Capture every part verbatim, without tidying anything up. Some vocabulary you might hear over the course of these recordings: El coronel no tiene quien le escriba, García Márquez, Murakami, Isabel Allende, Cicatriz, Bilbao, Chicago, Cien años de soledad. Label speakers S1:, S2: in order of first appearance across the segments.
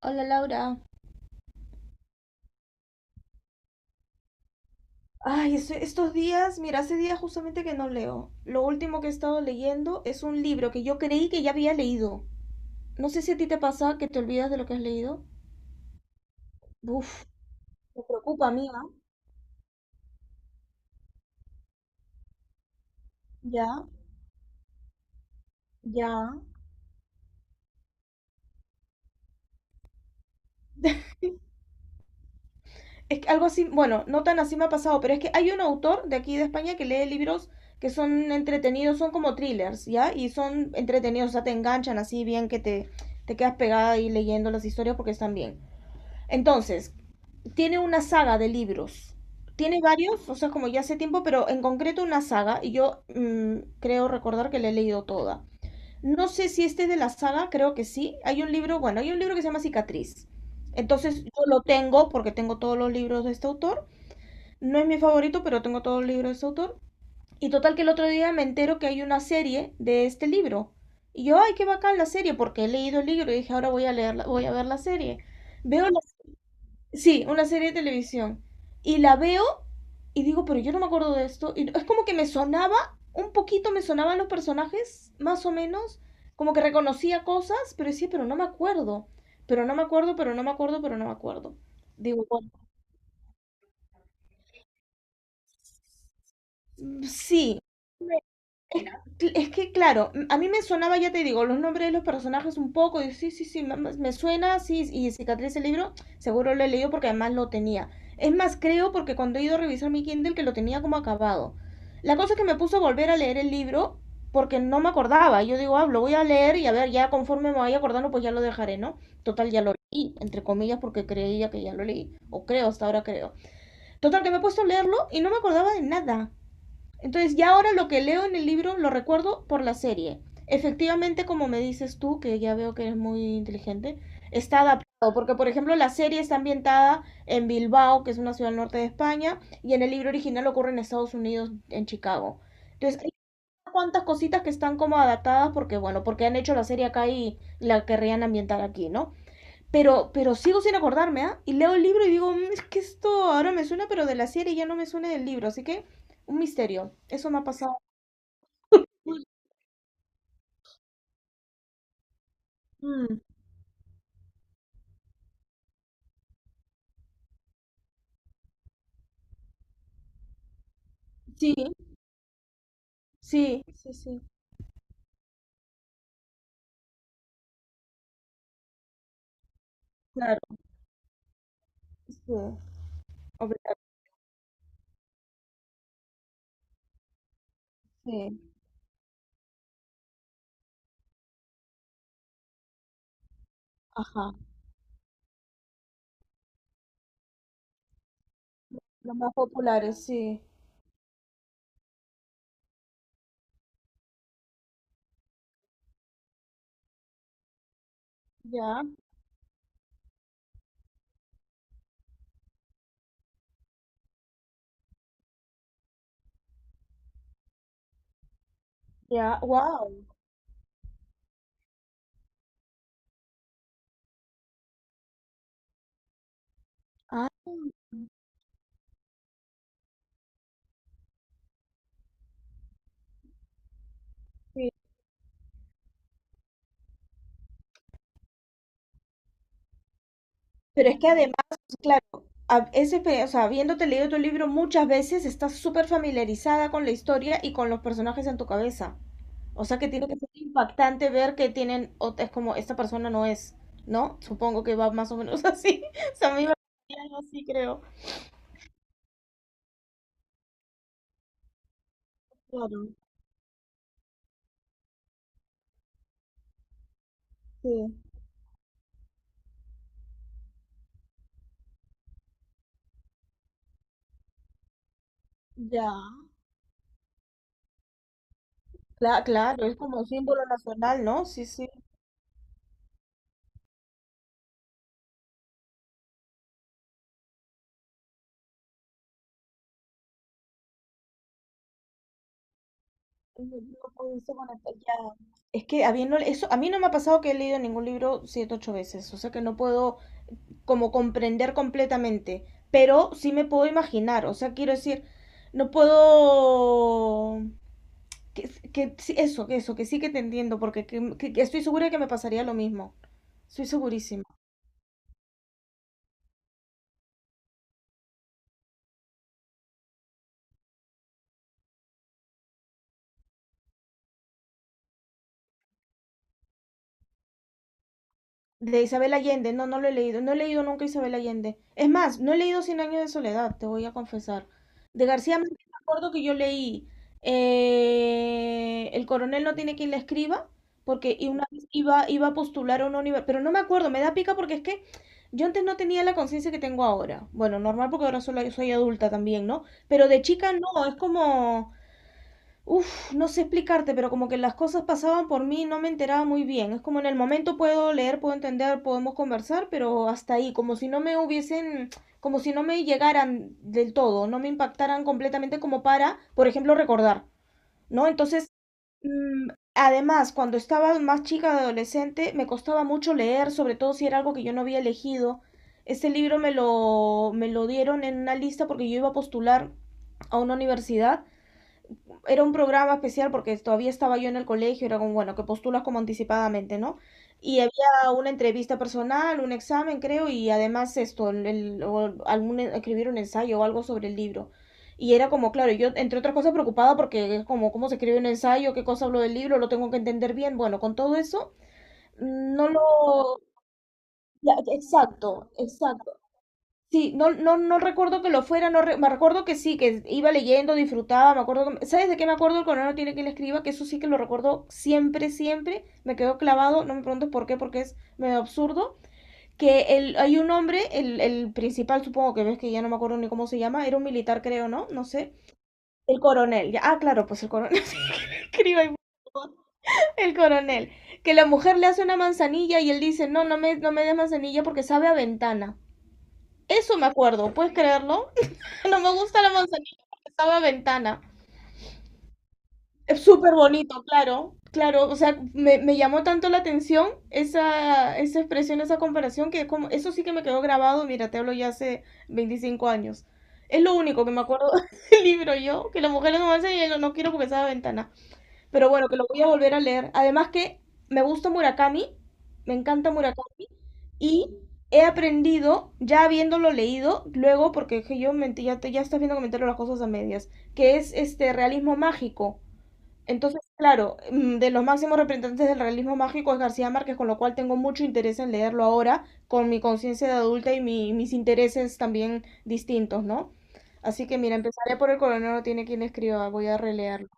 S1: Hola Laura. Ay, es- estos días, mira, hace días justamente que no leo. Lo último que he estado leyendo es un libro que yo creí que ya había leído. No sé si a ti te pasa que te olvidas de lo que has leído. Uf, me preocupa, amiga. Ya, ya. Es que algo así, bueno, no tan así me ha pasado, pero es que hay un autor de aquí de España que lee libros que son entretenidos, son como thrillers, ¿ya? Y son entretenidos, o sea, te enganchan así bien que te, te quedas pegada ahí leyendo las historias porque están bien. Entonces, tiene una saga de libros. Tiene varios, o sea, como ya hace tiempo, pero en concreto una saga, y yo mm, creo recordar que la he leído toda. No sé si este es de la saga, creo que sí. Hay un libro, bueno, hay un libro que se llama Cicatriz. Entonces, yo lo tengo porque tengo todos los libros de este autor. No es mi favorito, pero tengo todos los libros de este autor. Y total que el otro día me entero que hay una serie de este libro. Y yo, ay, qué bacán la serie, porque he leído el libro y dije, ahora voy a leer, la- voy a ver la serie. Veo Sí, una serie de televisión. Y la veo y digo, pero yo no me acuerdo de esto. Y es como que me sonaba, un poquito me sonaban los personajes, más o menos, como que reconocía cosas, pero decía, pero no me acuerdo, pero no me acuerdo, pero no me acuerdo, pero no me acuerdo. Digo, bueno, sí. Es, es que, claro, a mí me sonaba, ya te digo, los nombres de los personajes un poco, y sí, sí, sí, me, me suena, sí, y cicatriz el libro, seguro lo he leído porque además lo tenía. Es más, creo porque cuando he ido a revisar mi Kindle que lo tenía como acabado. La cosa es que me puso a volver a leer el libro porque no me acordaba. Yo digo, ah, lo voy a leer y a ver, ya conforme me vaya acordando, pues ya lo dejaré, ¿no? Total, ya lo leí, entre comillas, porque creía que ya lo leí, o creo, hasta ahora creo. Total, que me he puesto a leerlo y no me acordaba de nada. Entonces ya ahora lo que leo en el libro lo recuerdo por la serie. Efectivamente, como me dices tú, que ya veo que eres muy inteligente, está adaptado, porque por ejemplo la serie está ambientada en Bilbao, que es una ciudad al norte de España, y en el libro original ocurre en Estados Unidos, en Chicago. Entonces, hay unas cuantas cositas que están como adaptadas porque, bueno, porque han hecho la serie acá y la querrían ambientar aquí, ¿no? Pero, pero sigo sin acordarme, ¿ah? Y leo el libro y digo, "Mm, es que esto ahora me suena, pero de la serie ya no me suena del libro". Así que, un misterio. Eso me ha pasado. Mm, sí, sí, sí, sí. Claro, sí. Obligado, sí. Ajá. Los más populares, sí. Ya, ya. Wow. Ah, sí. Pero es que además, claro, a- ese, pe- o sea, habiéndote leído tu libro muchas veces, estás súper familiarizada con la historia y con los personajes en tu cabeza. O sea que tiene que ser impactante ver que tienen, ot- es como, esta persona no es, ¿no? Supongo que va más o menos así. O sea, a mí me parecía algo así, creo. Claro, sí. Ya. Cla- claro, es como un símbolo nacional, ¿no? Sí, sí. No no puede ser conectado, ya. Es que habiendo, eso, a mí no me ha pasado que he leído ningún libro siete, ocho veces. O sea que no puedo como comprender completamente. Pero sí me puedo imaginar. O sea, quiero decir, no puedo. Que, que sí, eso, que eso, que sí que te entiendo, porque que- mm, que- que estoy segura que me pasaría lo mismo. Estoy segurísima. De Isabel Allende, no, no lo he leído. No he leído nunca Isabel Allende. Es más, no he leído Cien años de soledad, te voy a confesar. De García Márquez me acuerdo que yo leí eh, El coronel no tiene quien le escriba, porque y una vez iba, iba a postular a una universidad, pero no me acuerdo, me da pica porque es que yo antes no tenía la conciencia que tengo ahora. Bueno, normal porque ahora solo soy adulta también, ¿no? Pero de chica no, es como. Uf, no sé explicarte, pero como que las cosas pasaban por mí y no me enteraba muy bien. Es como en el momento puedo leer, puedo entender, podemos conversar, pero hasta ahí, como si no me hubiesen, como si no me llegaran del todo, no me impactaran completamente como para, por ejemplo, recordar, ¿no? Entonces, mm, además, cuando estaba más chica, de adolescente, me costaba mucho leer, sobre todo si era algo que yo no había elegido. Este libro me lo, me lo dieron en una lista porque yo iba a postular a una universidad, era un programa especial porque todavía estaba yo en el colegio, era como, bueno, que postulas como anticipadamente, ¿no? Y había una entrevista personal, un examen, creo, y además esto, el, el- o algún, escribir un ensayo o algo sobre el libro. Y era como, claro, yo, entre otras cosas, preocupada porque es como, ¿cómo se escribe un ensayo? ¿Qué cosa hablo del libro? ¿Lo tengo que entender bien? Bueno, con todo eso, no lo. Ya, exacto, exacto. Sí, no, no, no recuerdo que lo fuera, no re- me recuerdo que sí, que iba leyendo, disfrutaba, me acuerdo, que- ¿sabes de qué me acuerdo? El coronel no tiene quien le escriba, que eso sí que lo recuerdo siempre, siempre, me quedó clavado, no me preguntes por qué, porque es medio absurdo, que el, hay un hombre, el, el principal supongo que ves que ya no me acuerdo ni cómo se llama, era un militar creo, ¿no? No sé, el coronel, ya, ah, claro, pues el coronel, sí, escriba ahí, el coronel, que la mujer le hace una manzanilla y él dice, no, no me, no me des manzanilla porque sabe a ventana. Eso me acuerdo, ¿puedes creerlo? No me gusta la manzanilla porque estaba ventana. Es súper bonito, claro. Claro, o sea, me, me llamó tanto la atención esa, esa expresión, esa comparación, que como, eso sí que me quedó grabado, mira, te hablo ya hace veinticinco años. Es lo único que me acuerdo del libro yo, que la mujer es una manzanilla y yo no quiero porque estaba ventana. Pero bueno, que lo voy a volver a leer. Además que me gusta Murakami, me encanta Murakami, y he aprendido, ya habiéndolo leído, luego, porque que yo mentí, ya, te- ya estás viendo comentario las cosas a medias, que es este realismo mágico. Entonces, claro, mm, de los máximos representantes del realismo mágico es García Márquez, con lo cual tengo mucho interés en leerlo ahora, con mi conciencia de adulta y mi- mis intereses también distintos, ¿no? Así que mira, empezaré por el coronel no tiene quien escriba, voy a releerlo.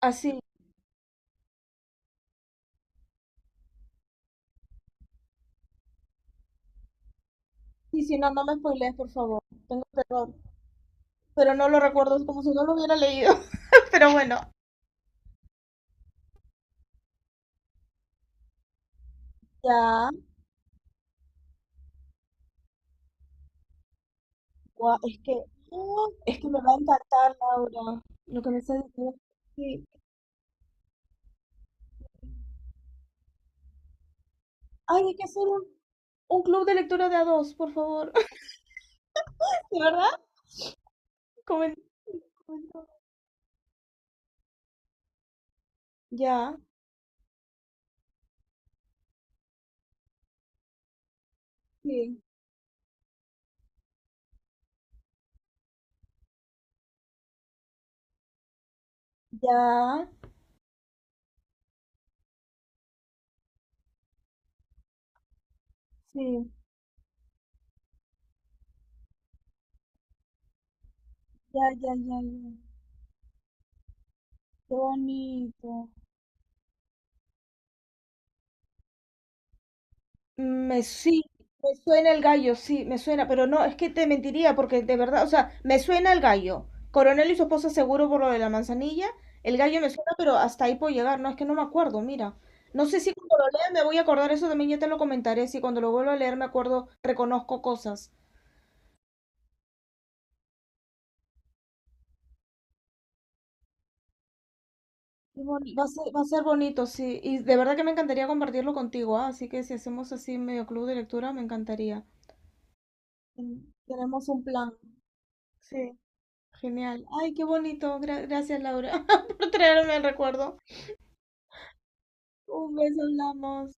S1: Así Sí, sí, no, no me spoilees, por favor. Tengo terror. Pero no lo recuerdo, es como si no lo hubiera leído. Pero bueno, ya. Guau, es que, oh, es que me va a encantar, Laura. Lo que me estás diciendo. Sí. Ay, hay que hacer un, un club de lectura de a dos, por favor. ¿De verdad? Comen- Ya, sí. Ya, sí. Ya, ya, ya, ya. Qué bonito. Me Sí, me suena el gallo, sí, me suena, pero no, es que te mentiría porque de verdad, o sea, me suena el gallo. Coronel y su esposa seguro por lo de la manzanilla. El gallo me suena, pero hasta ahí puedo llegar. No, es que no me acuerdo, mira. No sé si cuando lo lea me voy a acordar eso también, ya te lo comentaré. Si cuando lo vuelvo a leer me acuerdo, reconozco cosas. Qué boni- Va a ser, va a ser bonito, sí. Y de verdad que me encantaría compartirlo contigo, ¿ah? Así que si hacemos así medio club de lectura, me encantaría. Mm. Tenemos un plan. Sí. Genial. Ay, qué bonito. Gra- gracias, Laura, por traerme el recuerdo. Un beso, hablamos.